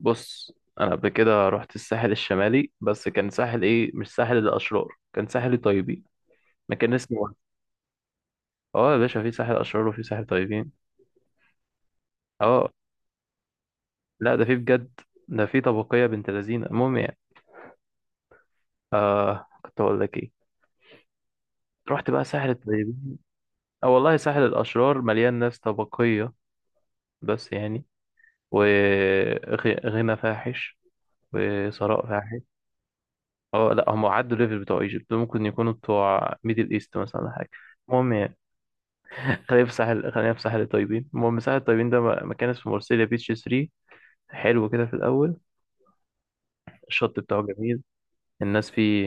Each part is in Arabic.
بص، انا قبل كده رحت الساحل الشمالي. بس كان ساحل ايه؟ مش ساحل الاشرار، كان ساحل طيبين. مكان اسمه وهم. اه يا باشا، في ساحل اشرار وفي ساحل طيبين. اه لا، ده في بجد، ده في طبقيه بنت لذينه. المهم يعني، آه كنت اقول لك ايه؟ رحت بقى ساحل الطيبين. اه والله، ساحل الاشرار مليان ناس طبقيه، بس يعني، وغنى فاحش وثراء فاحش. اه لا، هم عدوا ليفل بتوع ايجيبت، ممكن يكونوا بتوع ميدل ايست مثلا ولا حاجه. المهم يعني، خلينا في ساحل الطيبين. المهم ساحل الطيبين ده مكان اسمه مرسيليا بيتش 3. حلو كده في الأول، الشط بتاعه جميل، الناس فيه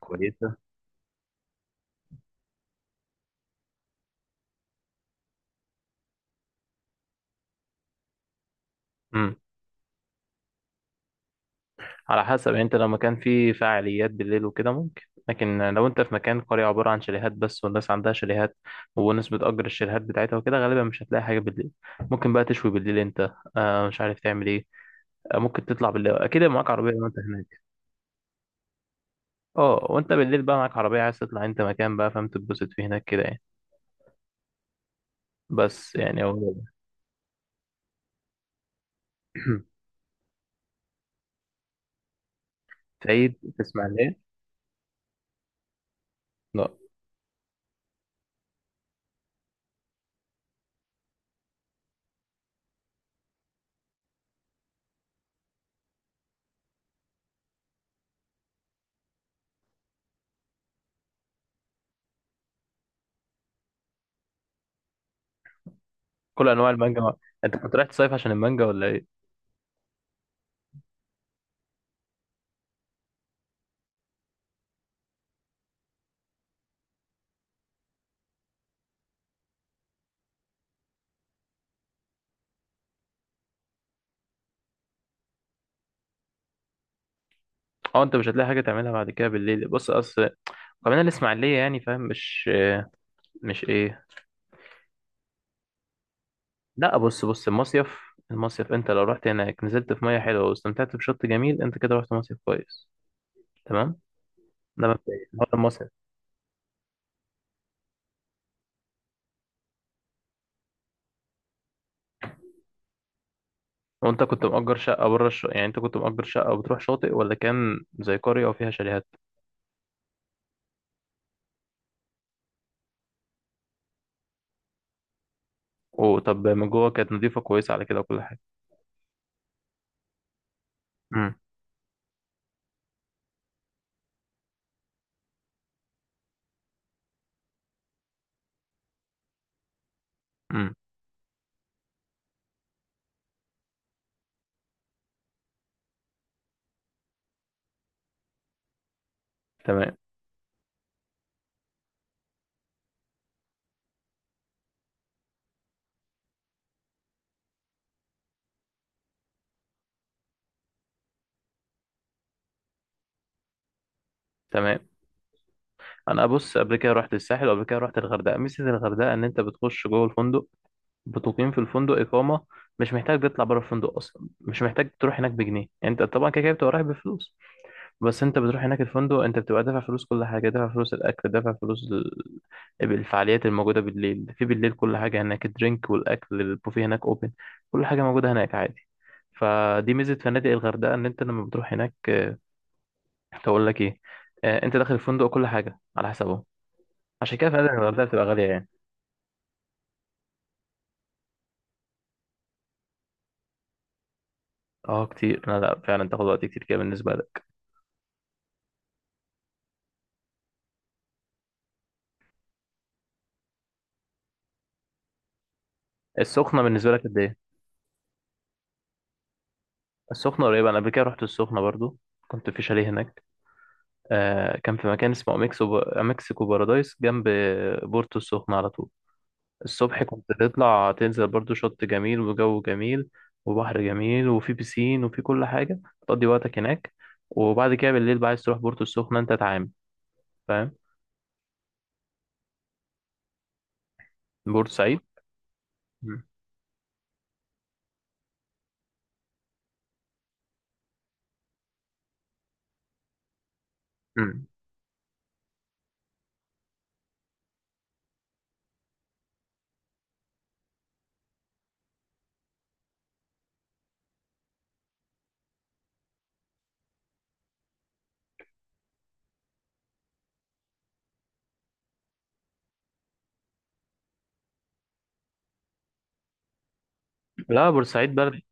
كويسة. امم، على حسب يعني. انت لو مكان فيه فعاليات بالليل وكده، ممكن. لكن لو انت في مكان قرية عبارة عن شاليهات بس، والناس عندها شاليهات، والناس بتأجر الشاليهات بتاعتها وكده، غالبا مش هتلاقي حاجة بالليل. ممكن بقى تشوي بالليل انت، آه مش عارف تعمل ايه. آه ممكن تطلع بالليل، اكيد معاك عربية لو انت هناك. اه، وانت بالليل بقى معاك عربية عايز تطلع، انت مكان بقى فاهم تتبسط فيه هناك كده يعني. بس يعني هو ده. سعيد في اسماعيلية. لا. كل انواع المانجا ما. انت كنت رايح تصيف عشان المانجا ولا ايه؟ اه، انت مش هتلاقي حاجه تعملها بعد كده بالليل. بص، اصل كمان الاسماعيليه يعني، فاهم؟ مش ايه. لا، بص، المصيف، المصيف انت لو رحت هناك، نزلت في ميه حلوه واستمتعت بشط جميل، انت كده رحت مصيف كويس. تمام. ده مبدئيا هو ده المصيف. وانت كنت مأجر شقه بره يعني انت كنت مأجر شقه وبتروح شاطئ، ولا كان زي قريه وفيها شاليهات؟ وطب من جوه كانت نظيفه كويسه على كده وكل حاجه؟ امم. امم. تمام. تمام. انا بص، قبل كده رحت الساحل، وقبل كده رحت الغردقه. ميزه الغردقه ان انت بتخش جوه الفندق، بتقيم في الفندق اقامه، مش محتاج تطلع بره الفندق اصلا، مش محتاج تروح هناك بجنيه. يعني انت طبعا كده كده بتبقى رايح بفلوس، بس انت بتروح هناك الفندق، انت بتبقى دافع فلوس. كل حاجه دافع فلوس، الاكل دافع فلوس، الفعاليات الموجوده بالليل في بالليل، كل حاجه هناك، الدرينك والاكل، البوفيه هناك اوبن، كل حاجه موجوده هناك عادي. فدي ميزه فنادق الغردقه، ان انت لما بتروح هناك هقول لك ايه، انت داخل الفندق كل حاجه على حسابهم. عشان كده فعلا الغردقه بتبقى غاليه يعني. اه كتير، لا لا، فعلا تاخد وقت كتير كده بالنسبه لك. السخنه بالنسبه لك قد ايه؟ السخنه قريبه، انا قبل كده رحت السخنه برضو، كنت في شاليه هناك. آه كان في مكان اسمه مكسيكو بارادايس جنب بورتو السخنه على طول. الصبح كنت تطلع تنزل، برضو شط جميل وجو جميل وبحر جميل، وفي بسين، وفي كل حاجه تقضي وقتك هناك. وبعد كده بالليل بقى عايز تروح بورتو السخنه، انت تعامل، فاهم. بورسعيد. مم. مم. لا، بورسعيد بلد،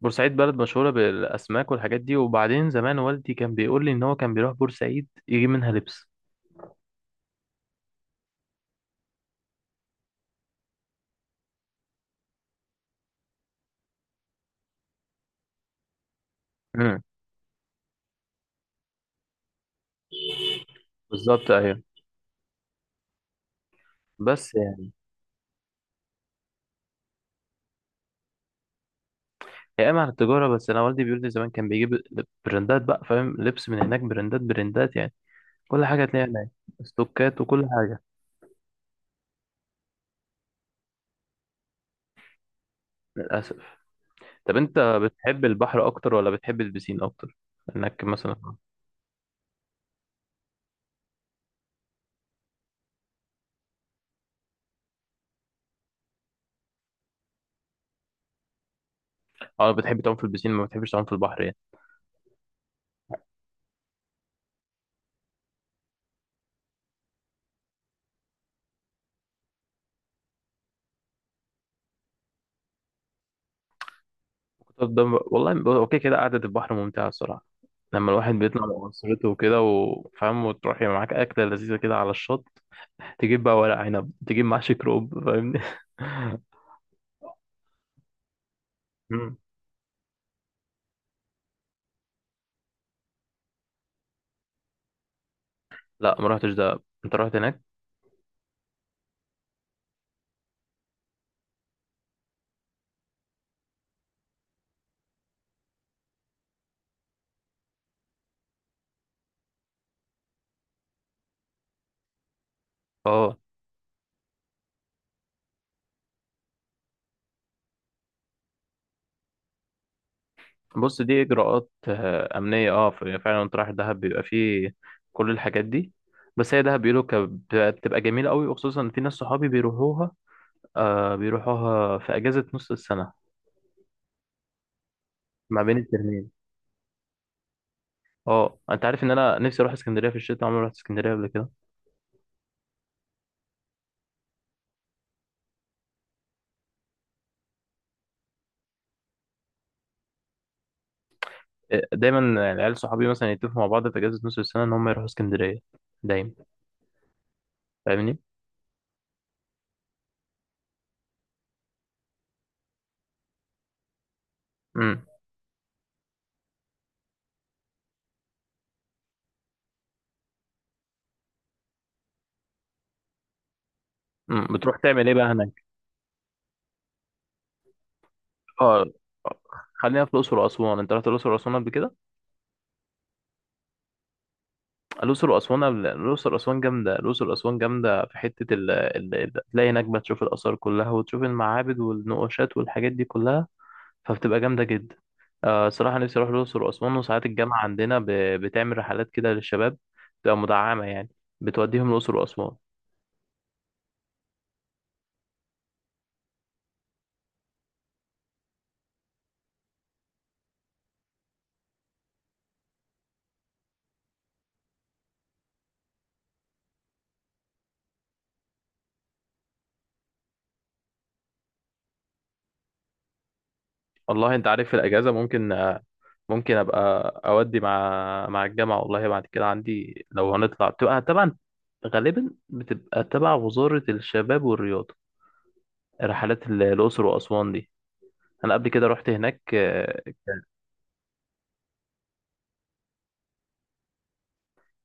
بورسعيد بلد مشهورة بالأسماك والحاجات دي. وبعدين زمان والدي كان بيقول لي إن هو كان بيروح بورسعيد يجيب منها لبس. امم. بالظبط، أيوة، بس يعني، هي قايمة على التجارة. بس أنا والدي بيقول لي زمان كان بيجيب براندات بقى، فاهم، لبس من هناك، براندات يعني، كل حاجة تلاقيها هناك، ستوكات وكل حاجة. للأسف. طب أنت بتحب البحر أكتر ولا بتحب البسين أكتر؟ إنك مثلا، أه بتحب تعوم في البسين، ما بتحبش تعوم في البحر يعني. طب ده والله اوكي كده، قعدة البحر ممتعة الصراحة، لما الواحد بيطلع مع أسرته وكده، وفاهم، وتروحي معاك أكلة لذيذة كده على الشط، تجيب بقى ورق عنب، تجيب محشي كروب، فاهمني؟ مم. لا ما رحتش دهب، انت رحت هناك؟ اه بص، دي اجراءات امنيه. اه فعلا انت رايح دهب بيبقى فيه كل الحاجات دي. بس هي دهب بيقولوا بتبقى جميله قوي، وخصوصا في ناس صحابي بيروحوها، آه بيروحوها في اجازه نص السنة، ما بين الترمين. اه انت عارف ان انا نفسي اروح اسكندريه في الشتاء؟ عمري ما رحت اسكندريه قبل كده. إيه، دايما العيال صحابي مثلا يتفقوا مع بعض في اجازه نص السنه ان هم يروحوا اسكندريه دايما، فاهمني. امم. أمم. بتروح تعمل ايه بقى هناك؟ اه، آه، خلينا في الاقصر واسوان، انت رحت الاقصر واسوان قبل كده؟ الاقصر واسوان جامده، الاقصر واسوان جامده، في حته تلاقي هناك بقى تشوف الاثار كلها، وتشوف المعابد والنقوشات والحاجات دي كلها، فبتبقى جامدة جدا. آه صراحة نفسي أروح الأقصر وأسوان، وساعات الجامعة عندنا بتعمل رحلات كده للشباب، بتبقى مدعمة يعني، بتوديهم الأقصر وأسوان. والله أنت عارف، في الأجازة ممكن ممكن أبقى أودي مع الجامعة. والله بعد كده عندي لو هنطلع بتبقى طبعا، غالبا بتبقى تبع وزارة الشباب والرياضة، رحلات الأقصر وأسوان دي. أنا قبل كده رحت هناك آه.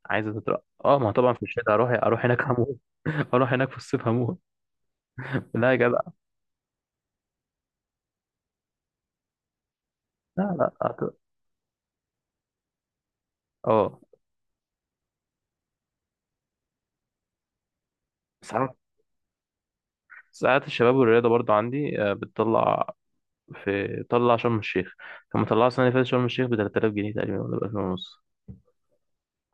عايزة تترقى، أه ما هو طبعا في الشتاء. أروح هناك هموت. أروح هناك في الصيف هموت. لا يا جدع. لا لا، اه. ساعات، ساعات الشباب والرياضة برضو عندي بتطلع في، طلع شرم الشيخ. كان مطلعها السنة اللي فاتت شرم الشيخ ب 3000 جنيه تقريبا، ولا ب 2000 ونص.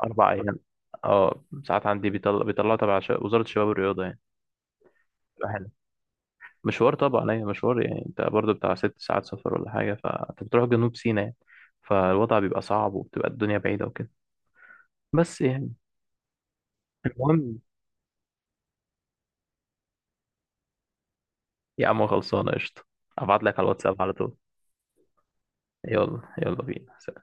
4 أيام. اه ساعات عندي بيطلع، بيطلع تبع وزارة الشباب والرياضة يعني، بتبقى حلو. مشوار طبعا، أيوة مشوار، يعني أنت برضو بتاع 6 ساعات سفر ولا حاجة، فأنت بتروح جنوب سيناء يعني، فالوضع بيبقى صعب، وبتبقى الدنيا بعيدة وكده، بس يعني. المهم يا عم، خلصانة قشطة، أبعت لك على الواتساب على طول. يلا يلا بينا.